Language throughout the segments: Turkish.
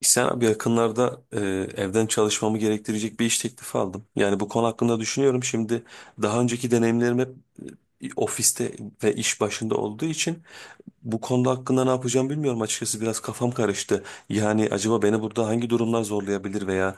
Sen abi yakınlarda evden çalışmamı gerektirecek bir iş teklifi aldım. Yani bu konu hakkında düşünüyorum. Şimdi daha önceki deneyimlerim hep ofiste ve iş başında olduğu için bu konuda hakkında ne yapacağım bilmiyorum açıkçası. Biraz kafam karıştı. Yani acaba beni burada hangi durumlar zorlayabilir veya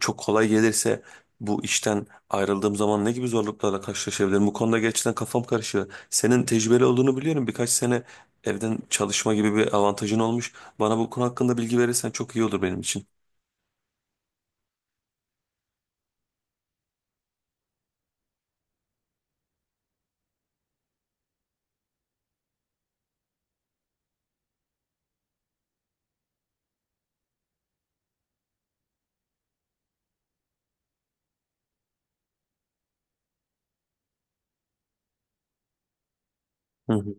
çok kolay gelirse bu işten ayrıldığım zaman ne gibi zorluklarla karşılaşabilirim? Bu konuda gerçekten kafam karışıyor. Senin tecrübeli olduğunu biliyorum. Birkaç sene evden çalışma gibi bir avantajın olmuş. Bana bu konu hakkında bilgi verirsen çok iyi olur benim için. Hı hı.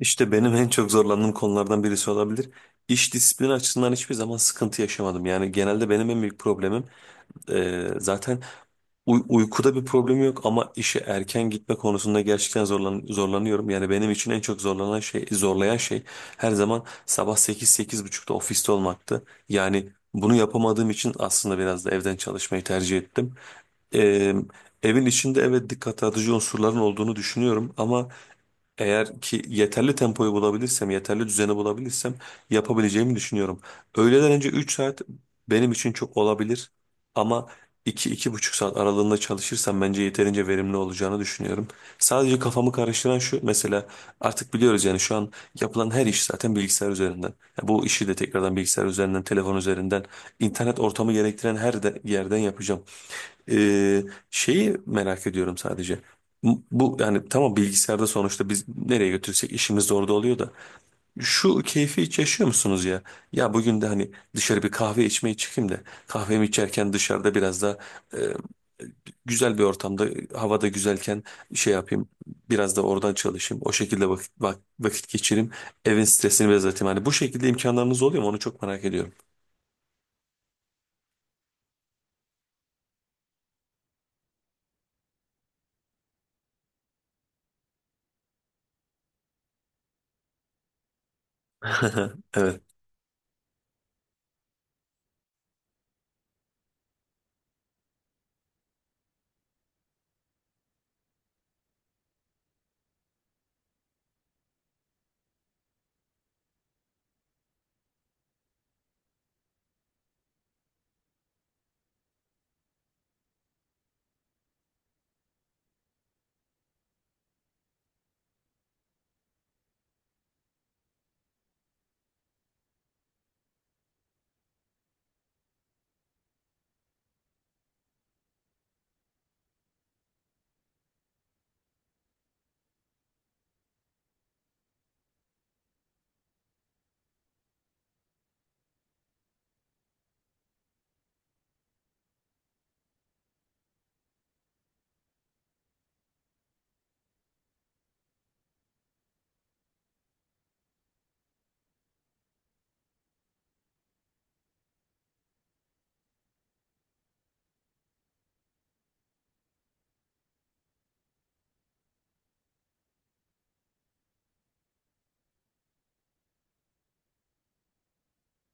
İşte benim en çok zorlandığım konulardan birisi olabilir. İş disiplini açısından hiçbir zaman sıkıntı yaşamadım. Yani genelde benim en büyük problemim zaten uykuda bir problem yok ama işe erken gitme konusunda gerçekten zorlanıyorum. Yani benim için en çok zorlanan şey, zorlayan şey her zaman sabah sekiz sekiz buçukta ofiste olmaktı. Yani bunu yapamadığım için aslında biraz da evden çalışmayı tercih ettim. E, evin içinde evet dikkat dağıtıcı unsurların olduğunu düşünüyorum ama. Eğer ki yeterli tempoyu bulabilirsem, yeterli düzeni bulabilirsem yapabileceğimi düşünüyorum. Öğleden önce 3 saat benim için çok olabilir ama iki iki buçuk saat aralığında çalışırsam bence yeterince verimli olacağını düşünüyorum. Sadece kafamı karıştıran şu mesela artık biliyoruz yani şu an yapılan her iş zaten bilgisayar üzerinden. Ya bu işi de tekrardan bilgisayar üzerinden, telefon üzerinden, internet ortamı gerektiren her yerden yapacağım. Ee, şeyi merak ediyorum sadece. Bu yani tamam bilgisayarda sonuçta biz nereye götürsek işimiz de orada oluyor da. Şu keyfi hiç yaşıyor musunuz ya? Ya bugün de hani dışarı bir kahve içmeye çıkayım da kahvemi içerken dışarıda biraz da e, güzel bir ortamda havada güzelken şey yapayım biraz da oradan çalışayım o şekilde vakit geçireyim evin stresini biraz atayım. Hani bu şekilde imkanlarınız oluyor mu onu çok merak ediyorum. Evet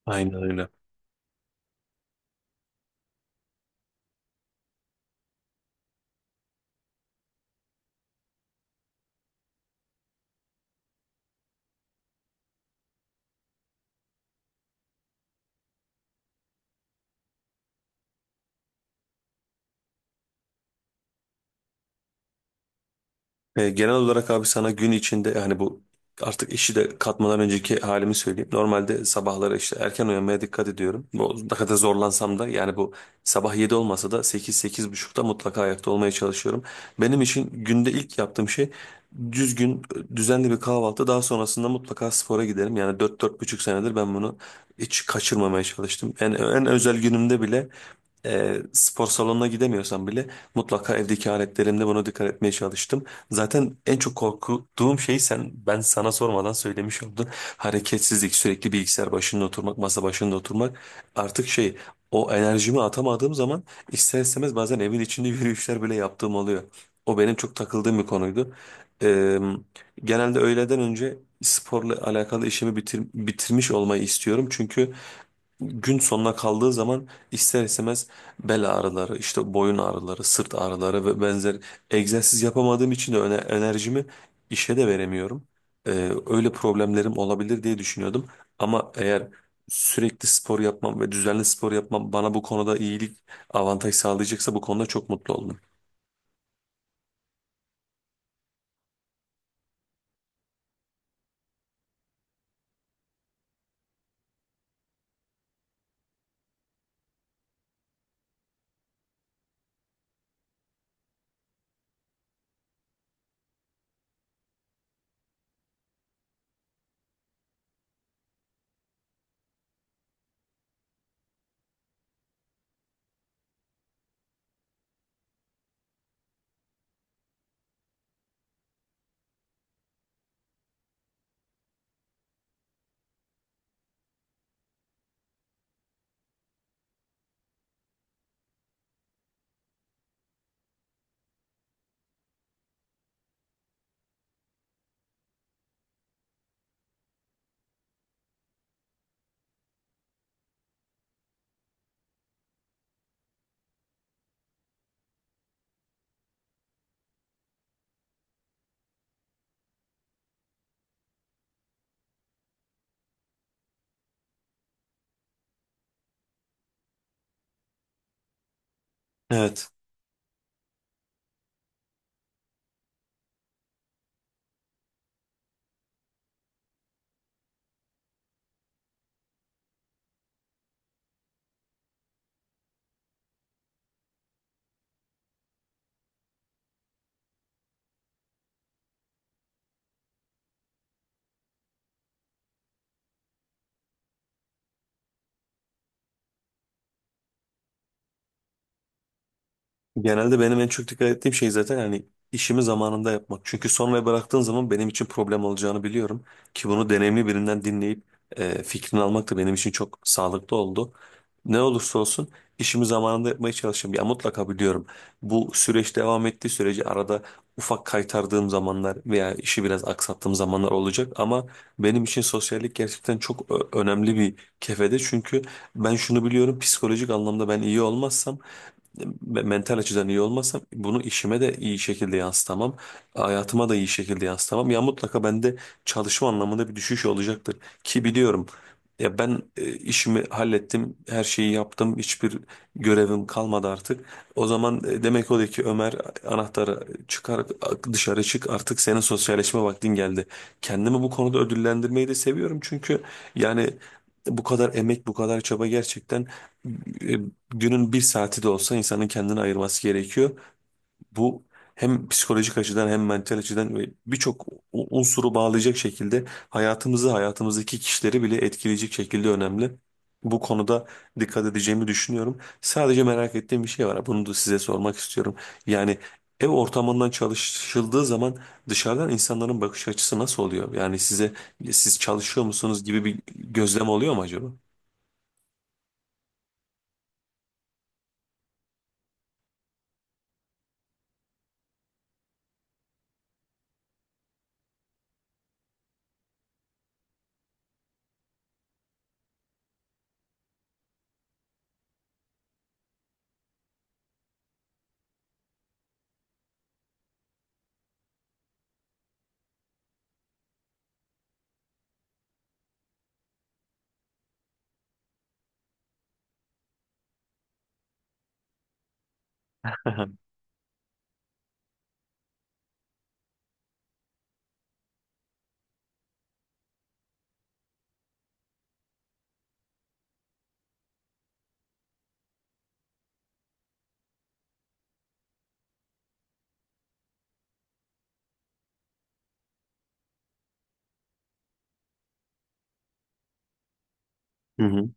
aynen öyle. Genel olarak abi sana gün içinde yani bu artık işi de katmadan önceki halimi söyleyeyim. Normalde sabahları işte erken uyanmaya dikkat ediyorum. Bu ne kadar zorlansam da yani bu sabah 7 olmasa da sekiz sekiz buçukta mutlaka ayakta olmaya çalışıyorum. Benim için günde ilk yaptığım şey düzgün düzenli bir kahvaltı daha sonrasında mutlaka spora giderim. Yani dört dört buçuk senedir ben bunu hiç kaçırmamaya çalıştım. En özel günümde bile spor salonuna gidemiyorsam bile mutlaka evdeki aletlerimde buna dikkat etmeye çalıştım. Zaten en çok korktuğum şey sen ben sana sormadan söylemiş oldun. Hareketsizlik, sürekli bilgisayar başında oturmak, masa başında oturmak artık şey o enerjimi atamadığım zaman ister istemez bazen evin içinde yürüyüşler bile yaptığım oluyor. O benim çok takıldığım bir konuydu. E, genelde öğleden önce sporla alakalı işimi bitirmiş olmayı istiyorum. Çünkü gün sonuna kaldığı zaman ister istemez bel ağrıları, işte boyun ağrıları, sırt ağrıları ve benzer egzersiz yapamadığım için de enerjimi işe de veremiyorum. Öyle problemlerim olabilir diye düşünüyordum. Ama eğer sürekli spor yapmam ve düzenli spor yapmam bana bu konuda iyilik, avantaj sağlayacaksa bu konuda çok mutlu oldum. Evet. Genelde benim en çok dikkat ettiğim şey zaten hani işimi zamanında yapmak. Çünkü sonraya bıraktığın zaman benim için problem olacağını biliyorum. Ki bunu deneyimli birinden dinleyip fikrini almak da benim için çok sağlıklı oldu. Ne olursa olsun işimi zamanında yapmaya çalışıyorum. Ya mutlaka biliyorum bu süreç devam ettiği sürece arada ufak kaytardığım zamanlar veya işi biraz aksattığım zamanlar olacak. Ama benim için sosyallik gerçekten çok önemli bir kefede. Çünkü ben şunu biliyorum psikolojik anlamda ben iyi olmazsam mental açıdan iyi olmazsam bunu işime de iyi şekilde yansıtamam. Hayatıma da iyi şekilde yansıtamam. Ya mutlaka bende çalışma anlamında bir düşüş olacaktır. Ki biliyorum ya ben işimi hallettim, her şeyi yaptım, hiçbir görevim kalmadı artık. O zaman demek o da ki Ömer anahtarı çıkar dışarı çık artık senin sosyalleşme vaktin geldi. Kendimi bu konuda ödüllendirmeyi de seviyorum çünkü yani bu kadar emek, bu kadar çaba gerçekten e, günün bir saati de olsa insanın kendini ayırması gerekiyor. Bu hem psikolojik açıdan hem mental açıdan ve birçok unsuru bağlayacak şekilde hayatımızı, hayatımızdaki kişileri bile etkileyecek şekilde önemli. Bu konuda dikkat edeceğimi düşünüyorum. Sadece merak ettiğim bir şey var. Bunu da size sormak istiyorum. Yani ev ortamından çalışıldığı zaman dışarıdan insanların bakış açısı nasıl oluyor? Yani size siz çalışıyor musunuz gibi bir gözlem oluyor mu acaba? Hı hı.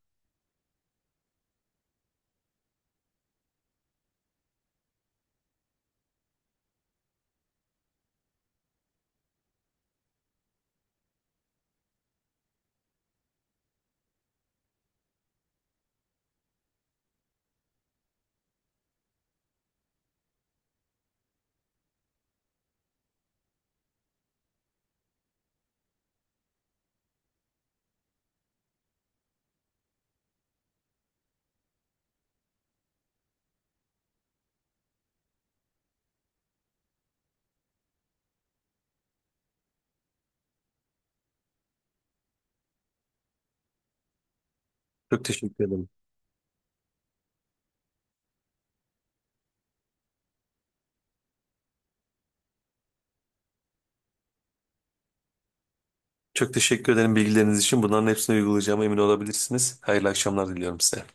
Çok teşekkür ederim. Çok teşekkür ederim bilgileriniz için. Bunların hepsini uygulayacağıma emin olabilirsiniz. Hayırlı akşamlar diliyorum size.